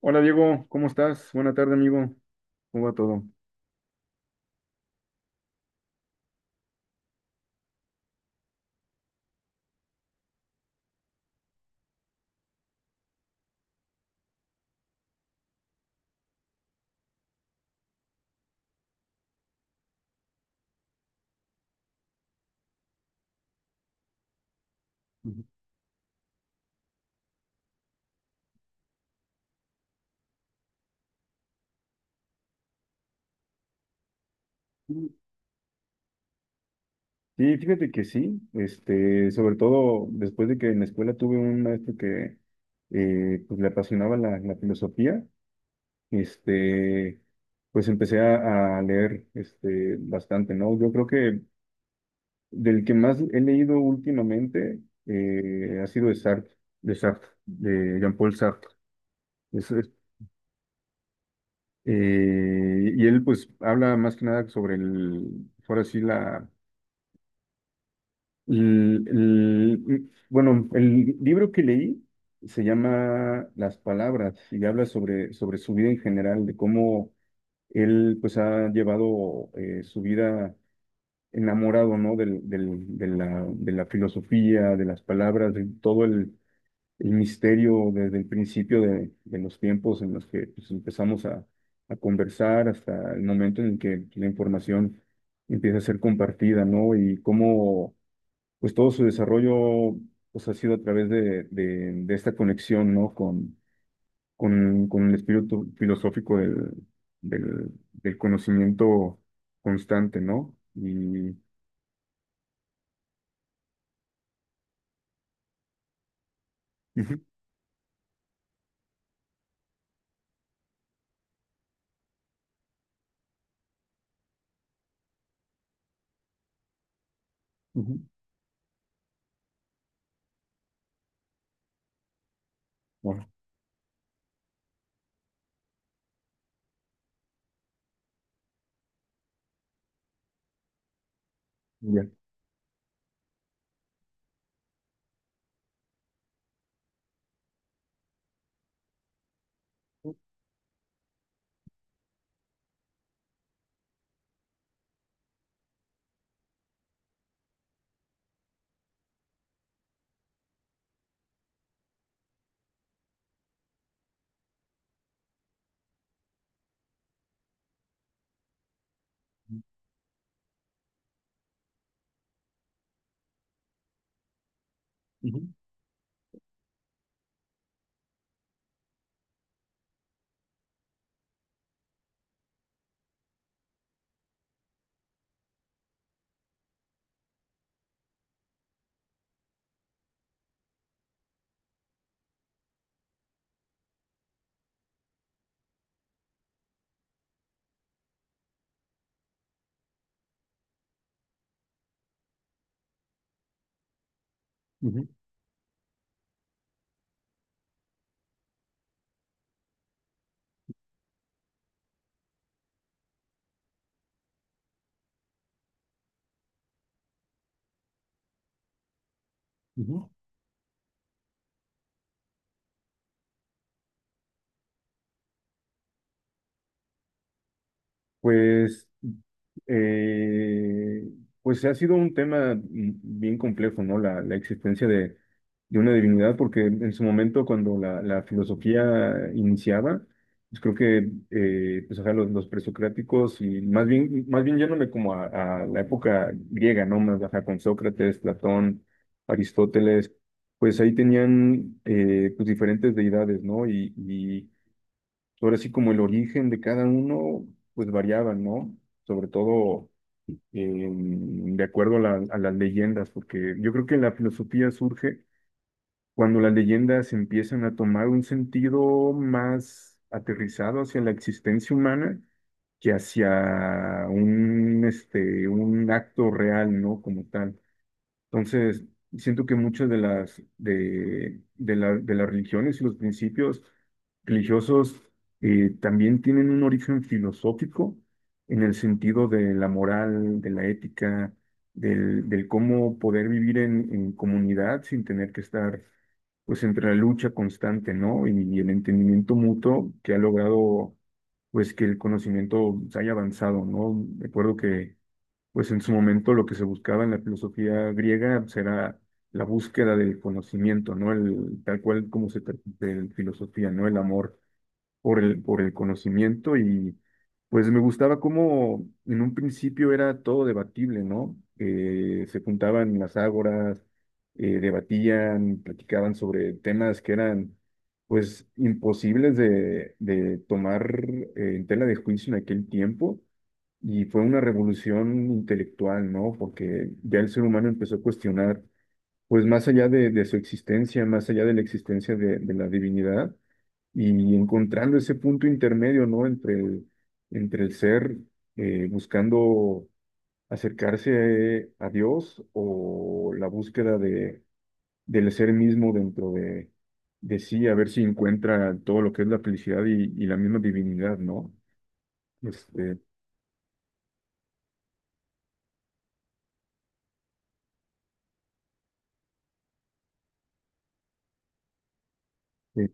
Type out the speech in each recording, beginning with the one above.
Hola Diego, ¿cómo estás? Buena tarde, amigo. ¿Cómo va todo? Ujú. Sí, fíjate que sí, este, sobre todo después de que en la escuela tuve un maestro que pues, le apasionaba la filosofía, este, pues empecé a leer este, bastante, ¿no? Yo creo que del que más he leído últimamente ha sido de Sartre, de Jean-Paul Sartre. Eso es. Y él pues habla más que nada sobre el, ahora sí, la bueno, el libro que leí se llama Las palabras y habla sobre su vida en general, de cómo él pues ha llevado su vida enamorado, ¿no? De la filosofía, de las palabras, de todo el misterio desde el principio de los tiempos en los que pues, empezamos a conversar hasta el momento en el que la información empieza a ser compartida, ¿no? Y cómo pues todo su desarrollo pues, ha sido a través de esta conexión, ¿no? Con el espíritu filosófico del conocimiento constante, ¿no? Y... Ujú. Ujú. Ah, ya. Ujú. Ujú. Ujú. Pues, eh, pues ha sido un tema bien complejo, ¿no? La existencia de una divinidad, porque en su momento cuando la filosofía iniciaba, pues creo que pues, ajá, los presocráticos y más bien yéndome como a la época griega, ¿no? Más ajá, con Sócrates, Platón, Aristóteles, pues ahí tenían pues diferentes deidades, ¿no? Y ahora sí, como el origen de cada uno, pues variaba, ¿no? Sobre todo de acuerdo a, a las leyendas, porque yo creo que la filosofía surge cuando las leyendas empiezan a tomar un sentido más aterrizado hacia la existencia humana que hacia un acto real, ¿no? Como tal. Entonces, siento que muchas de las, de la- de las religiones y los principios religiosos también tienen un origen filosófico en el sentido de la moral, de la ética, del cómo poder vivir en comunidad sin tener que estar pues entre la lucha constante, ¿no? Y el entendimiento mutuo que ha logrado pues que el conocimiento se haya avanzado, ¿no? Recuerdo que pues en su momento lo que se buscaba en la filosofía griega será la búsqueda del conocimiento, ¿no? El, tal cual como se de filosofía, ¿no? El amor por el conocimiento y pues me gustaba cómo en un principio era todo debatible, ¿no? Se juntaban en las ágoras, debatían, platicaban sobre temas que eran pues imposibles de tomar en tela de juicio en aquel tiempo y fue una revolución intelectual, ¿no? Porque ya el ser humano empezó a cuestionar pues más allá de su existencia, más allá de la existencia de la divinidad, y encontrando ese punto intermedio, ¿no? Entre el ser buscando acercarse a Dios o la búsqueda del ser mismo dentro de sí, a ver si encuentra todo lo que es la felicidad y la misma divinidad, ¿no? Este, eh,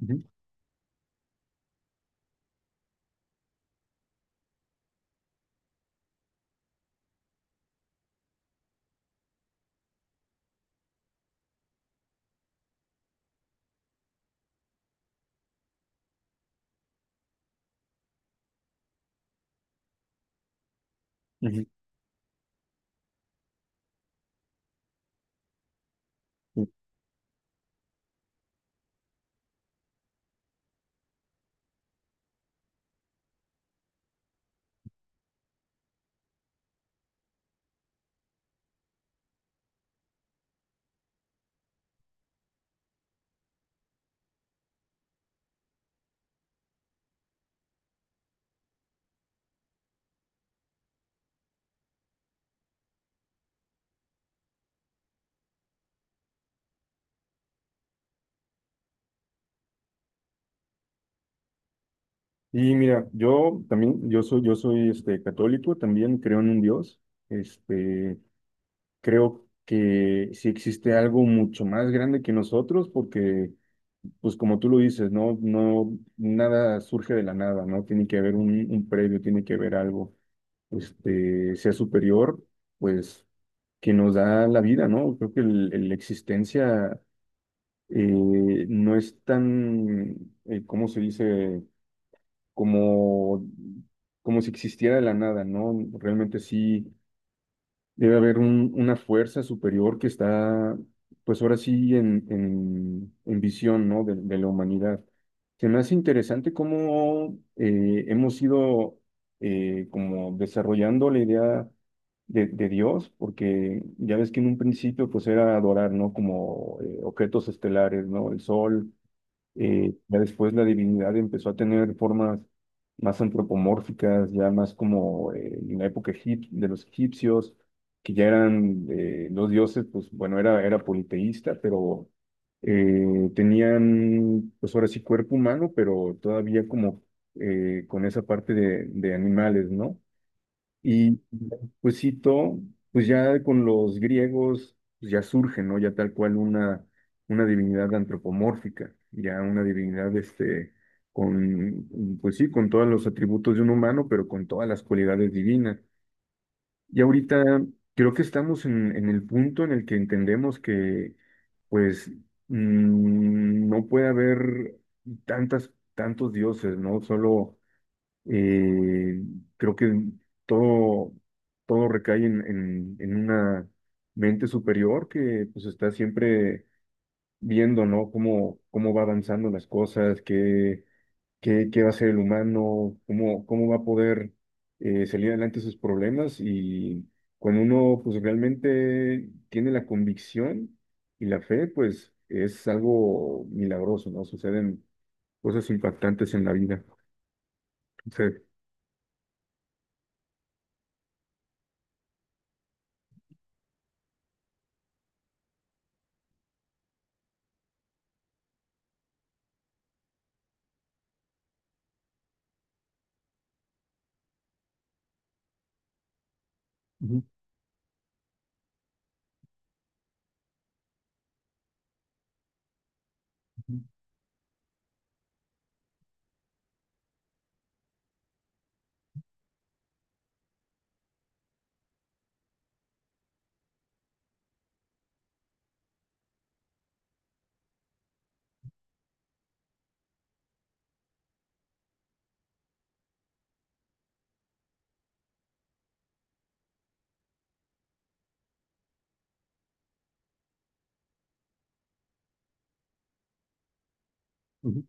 Ujú, ujú, ujú. Y mira, yo también, yo soy este, católico, también creo en un Dios. Este, creo que sí existe algo mucho más grande que nosotros, porque, pues como tú lo dices, no, no, nada surge de la nada, ¿no? Tiene que haber un previo, tiene que haber algo. Este, sea superior, pues que nos da la vida, ¿no? Creo que la existencia no es tan, ¿cómo se dice? Como, como si existiera de la nada, ¿no? Realmente sí debe haber una fuerza superior que está, pues ahora sí, en visión, ¿no? De la humanidad. Se me hace interesante cómo hemos ido como desarrollando la idea de Dios, porque ya ves que en un principio pues era adorar, ¿no? Como objetos estelares, ¿no? El sol, ya después la divinidad empezó a tener formas más antropomórficas, ya más como en la época de los egipcios, que ya eran los dioses, pues bueno, era politeísta, pero tenían, pues ahora sí, cuerpo humano, pero todavía como con esa parte de animales, ¿no? Y pues sí todo pues ya con los griegos pues, ya surge, ¿no? Ya tal cual una divinidad antropomórfica, ya una divinidad este, con, pues sí, con todos los atributos de un humano, pero con todas las cualidades divinas. Y ahorita creo que estamos en el punto en el que entendemos que pues no puede haber tantos dioses, ¿no? Solo eh, creo que todo, todo recae en una mente superior que pues está siempre viendo, ¿no? Cómo va avanzando las cosas, qué va a ser el humano, cómo va a poder salir adelante sus problemas y cuando uno pues realmente tiene la convicción y la fe, pues es algo milagroso, ¿no? Suceden cosas impactantes en la vida. Entonces, ujú, ujú, ujú.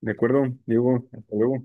De acuerdo, Diego, hasta luego.